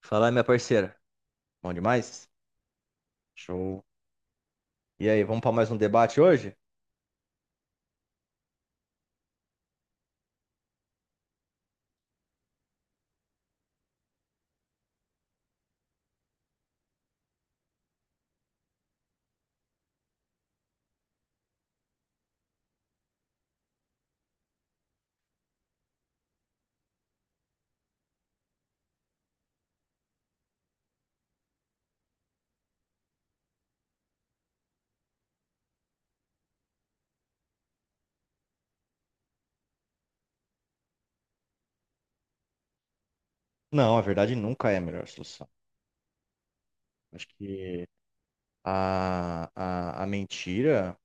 Fala aí, minha parceira. Bom demais? Show. E aí, vamos para mais um debate hoje? Não, a verdade nunca é a melhor solução. Acho que a, a mentira,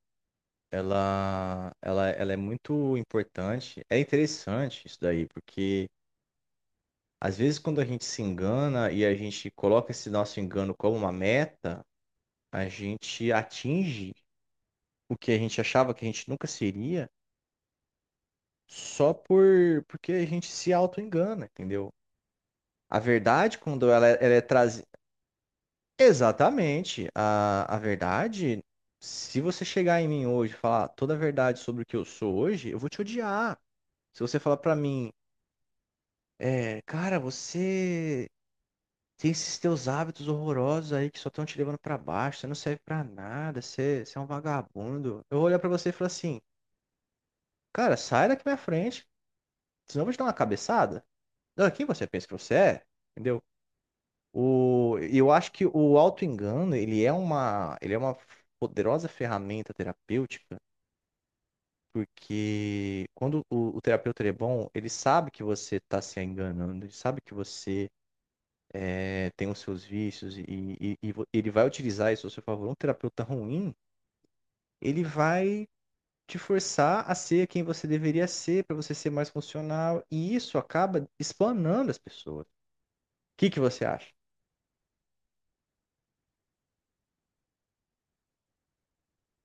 ela é muito importante. É interessante isso daí, porque às vezes quando a gente se engana e a gente coloca esse nosso engano como uma meta, a gente atinge o que a gente achava que a gente nunca seria só porque a gente se auto-engana, entendeu? A verdade, quando ela, ela é trazida. Exatamente. A verdade, se você chegar em mim hoje e falar toda a verdade sobre o que eu sou hoje, eu vou te odiar. Se você falar pra mim, cara, você tem esses teus hábitos horrorosos aí que só estão te levando pra baixo, você não serve pra nada, você é um vagabundo. Eu vou olhar pra você e falar assim, cara, sai daqui da minha frente, senão eu vou te dar uma cabeçada. Não, quem você pensa que você é? Entendeu? O, eu acho que o autoengano, ele é uma poderosa ferramenta terapêutica, porque quando o terapeuta ele é bom, ele sabe que você está se enganando, ele sabe que você tem os seus vícios e ele vai utilizar isso a seu favor. Um terapeuta ruim, ele vai te forçar a ser quem você deveria ser, para você ser mais funcional, e isso acaba espanando as pessoas. O que que você acha?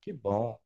Que bom.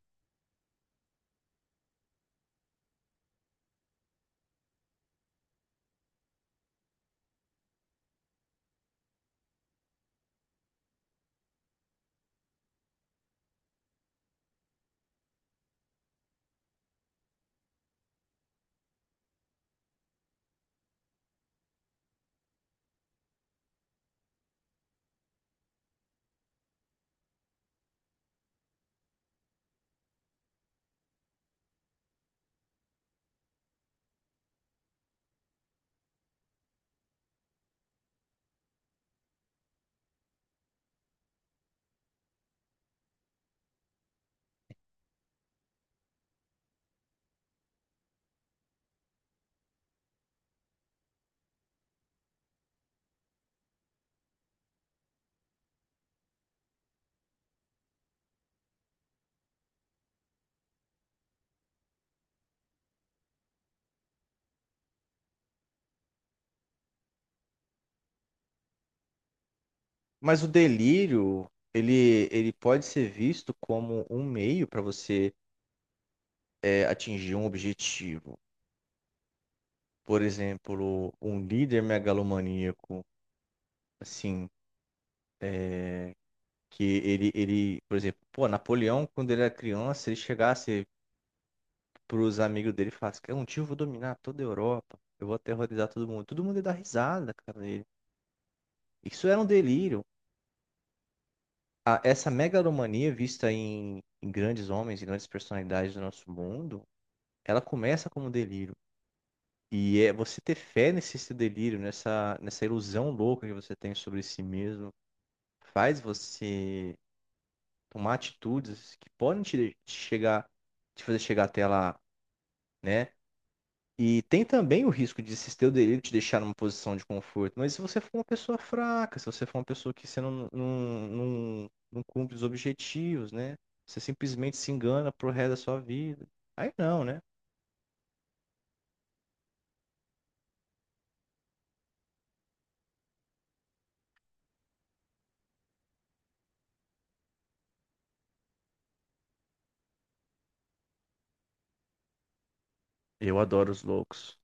Mas o delírio, ele pode ser visto como um meio para você atingir um objetivo. Por exemplo, um líder megalomaníaco, assim, é, ele, por exemplo, pô, Napoleão, quando ele era criança, ele chegasse para os amigos dele e falasse, cara, um dia eu vou dominar toda a Europa, eu vou aterrorizar todo mundo. Todo mundo ia dar risada, cara, dele. Isso era um delírio. Essa megalomania vista em grandes homens e grandes personalidades do nosso mundo, ela começa como um delírio. E é você ter fé nesse seu delírio, nessa ilusão louca que você tem sobre si mesmo, faz você tomar atitudes que podem te chegar, te fazer chegar até lá, né? E tem também o risco de esse teu delírio te deixar numa posição de conforto. Mas se você for uma pessoa fraca, se você for uma pessoa que você não cumpre os objetivos, né? Você simplesmente se engana pro resto da sua vida. Aí não, né? Eu adoro os loucos.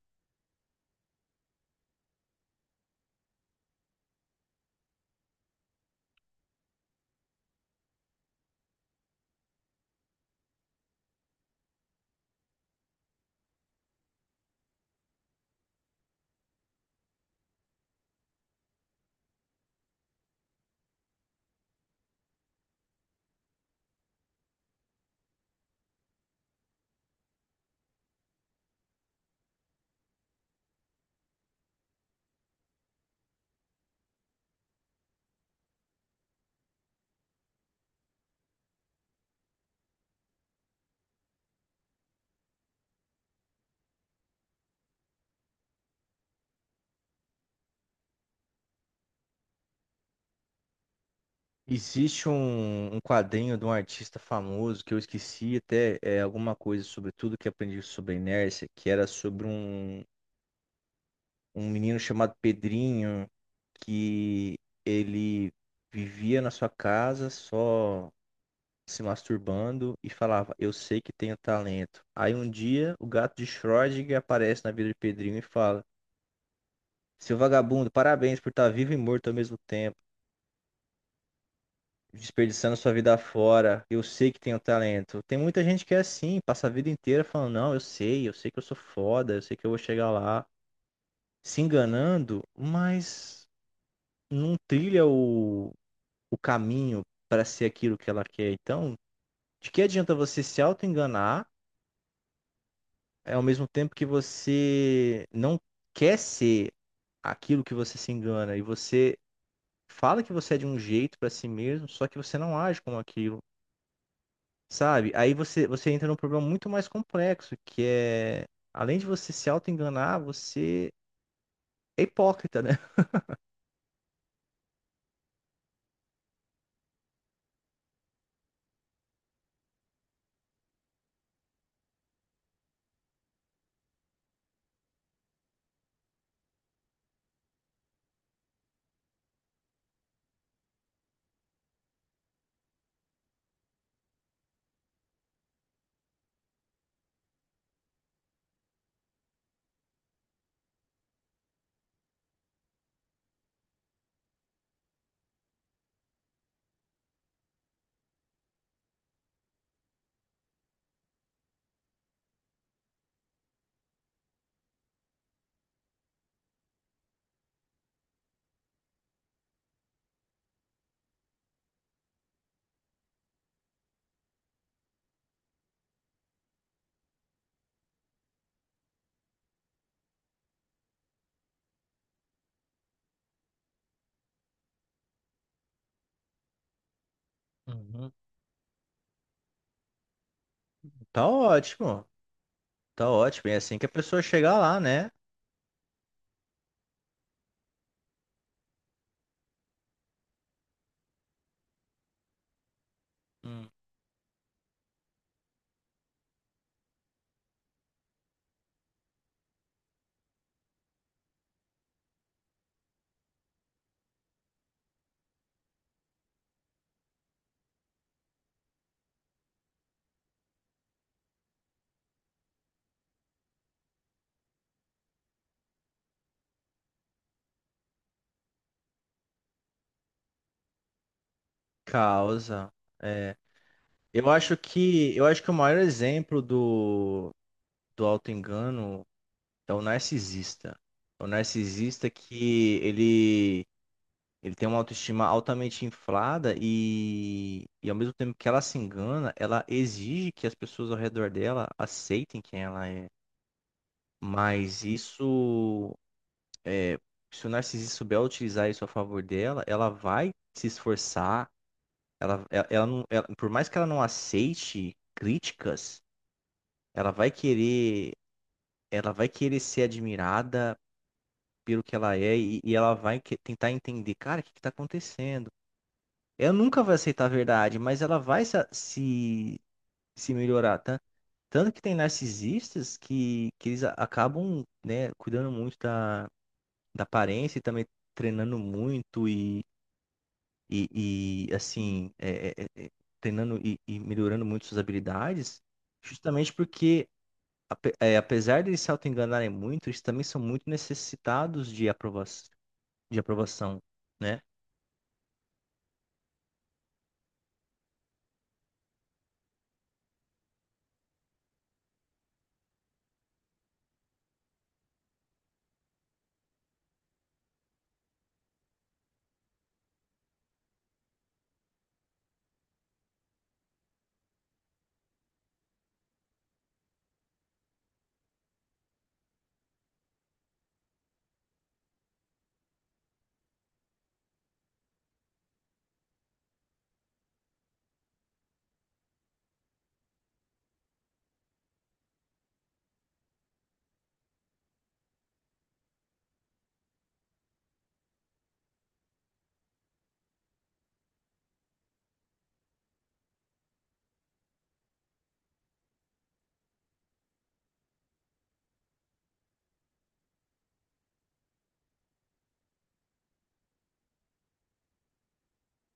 Existe um, um quadrinho de um artista famoso que eu esqueci até alguma coisa sobre tudo que aprendi sobre inércia, que era sobre um, um menino chamado Pedrinho, que ele vivia na sua casa só se masturbando e falava, eu sei que tenho talento. Aí um dia o gato de Schrödinger aparece na vida de Pedrinho e fala, seu vagabundo, parabéns por estar vivo e morto ao mesmo tempo, desperdiçando sua vida fora. Eu sei que tenho talento. Tem muita gente que é assim, passa a vida inteira falando, não, eu sei que eu sou foda, eu sei que eu vou chegar lá, se enganando, mas não trilha o caminho para ser aquilo que ela quer. Então, de que adianta você se auto-enganar, ao mesmo tempo que você não quer ser aquilo que você se engana e você fala que você é de um jeito para si mesmo, só que você não age como aquilo. Sabe? Aí você entra num problema muito mais complexo, que é, além de você se auto-enganar, você é hipócrita, né? Uhum. Tá ótimo, tá ótimo. É assim que a pessoa chegar lá, né? Hum. Causa. É. Eu acho que o maior exemplo do, do auto-engano é o narcisista. É o narcisista que ele tem uma autoestima altamente inflada e ao mesmo tempo que ela se engana, ela exige que as pessoas ao redor dela aceitem quem ela é. Mas isso, é, se o narcisista souber utilizar isso a favor dela, ela vai se esforçar. Ela não, ela- Por mais que ela não aceite críticas, ela vai querer, ela vai querer ser admirada pelo que ela é e ela tentar entender, cara, o que está acontecendo? Ela nunca vai aceitar a verdade, mas ela vai se, se, se melhorar, tá? Tanto que tem narcisistas que eles acabam, né, cuidando muito da, da aparência e também treinando muito assim, treinando e melhorando muito suas habilidades, justamente porque, apesar de eles se auto-enganarem muito, eles também são muito necessitados de aprovação, né?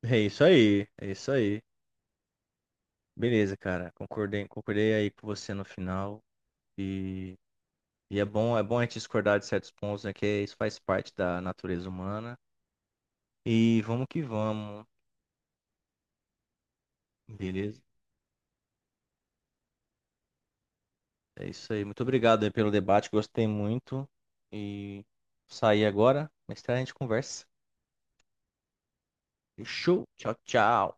É isso aí, é isso aí. Beleza, cara. Concordei, concordei aí com você no final. E, é bom a gente discordar de certos pontos, né? Que é, isso faz parte da natureza humana. E vamos que vamos. Beleza? É isso aí. Muito obrigado aí pelo debate, gostei muito. E sair agora, mais tarde a gente conversa. Show. Tchau, tchau.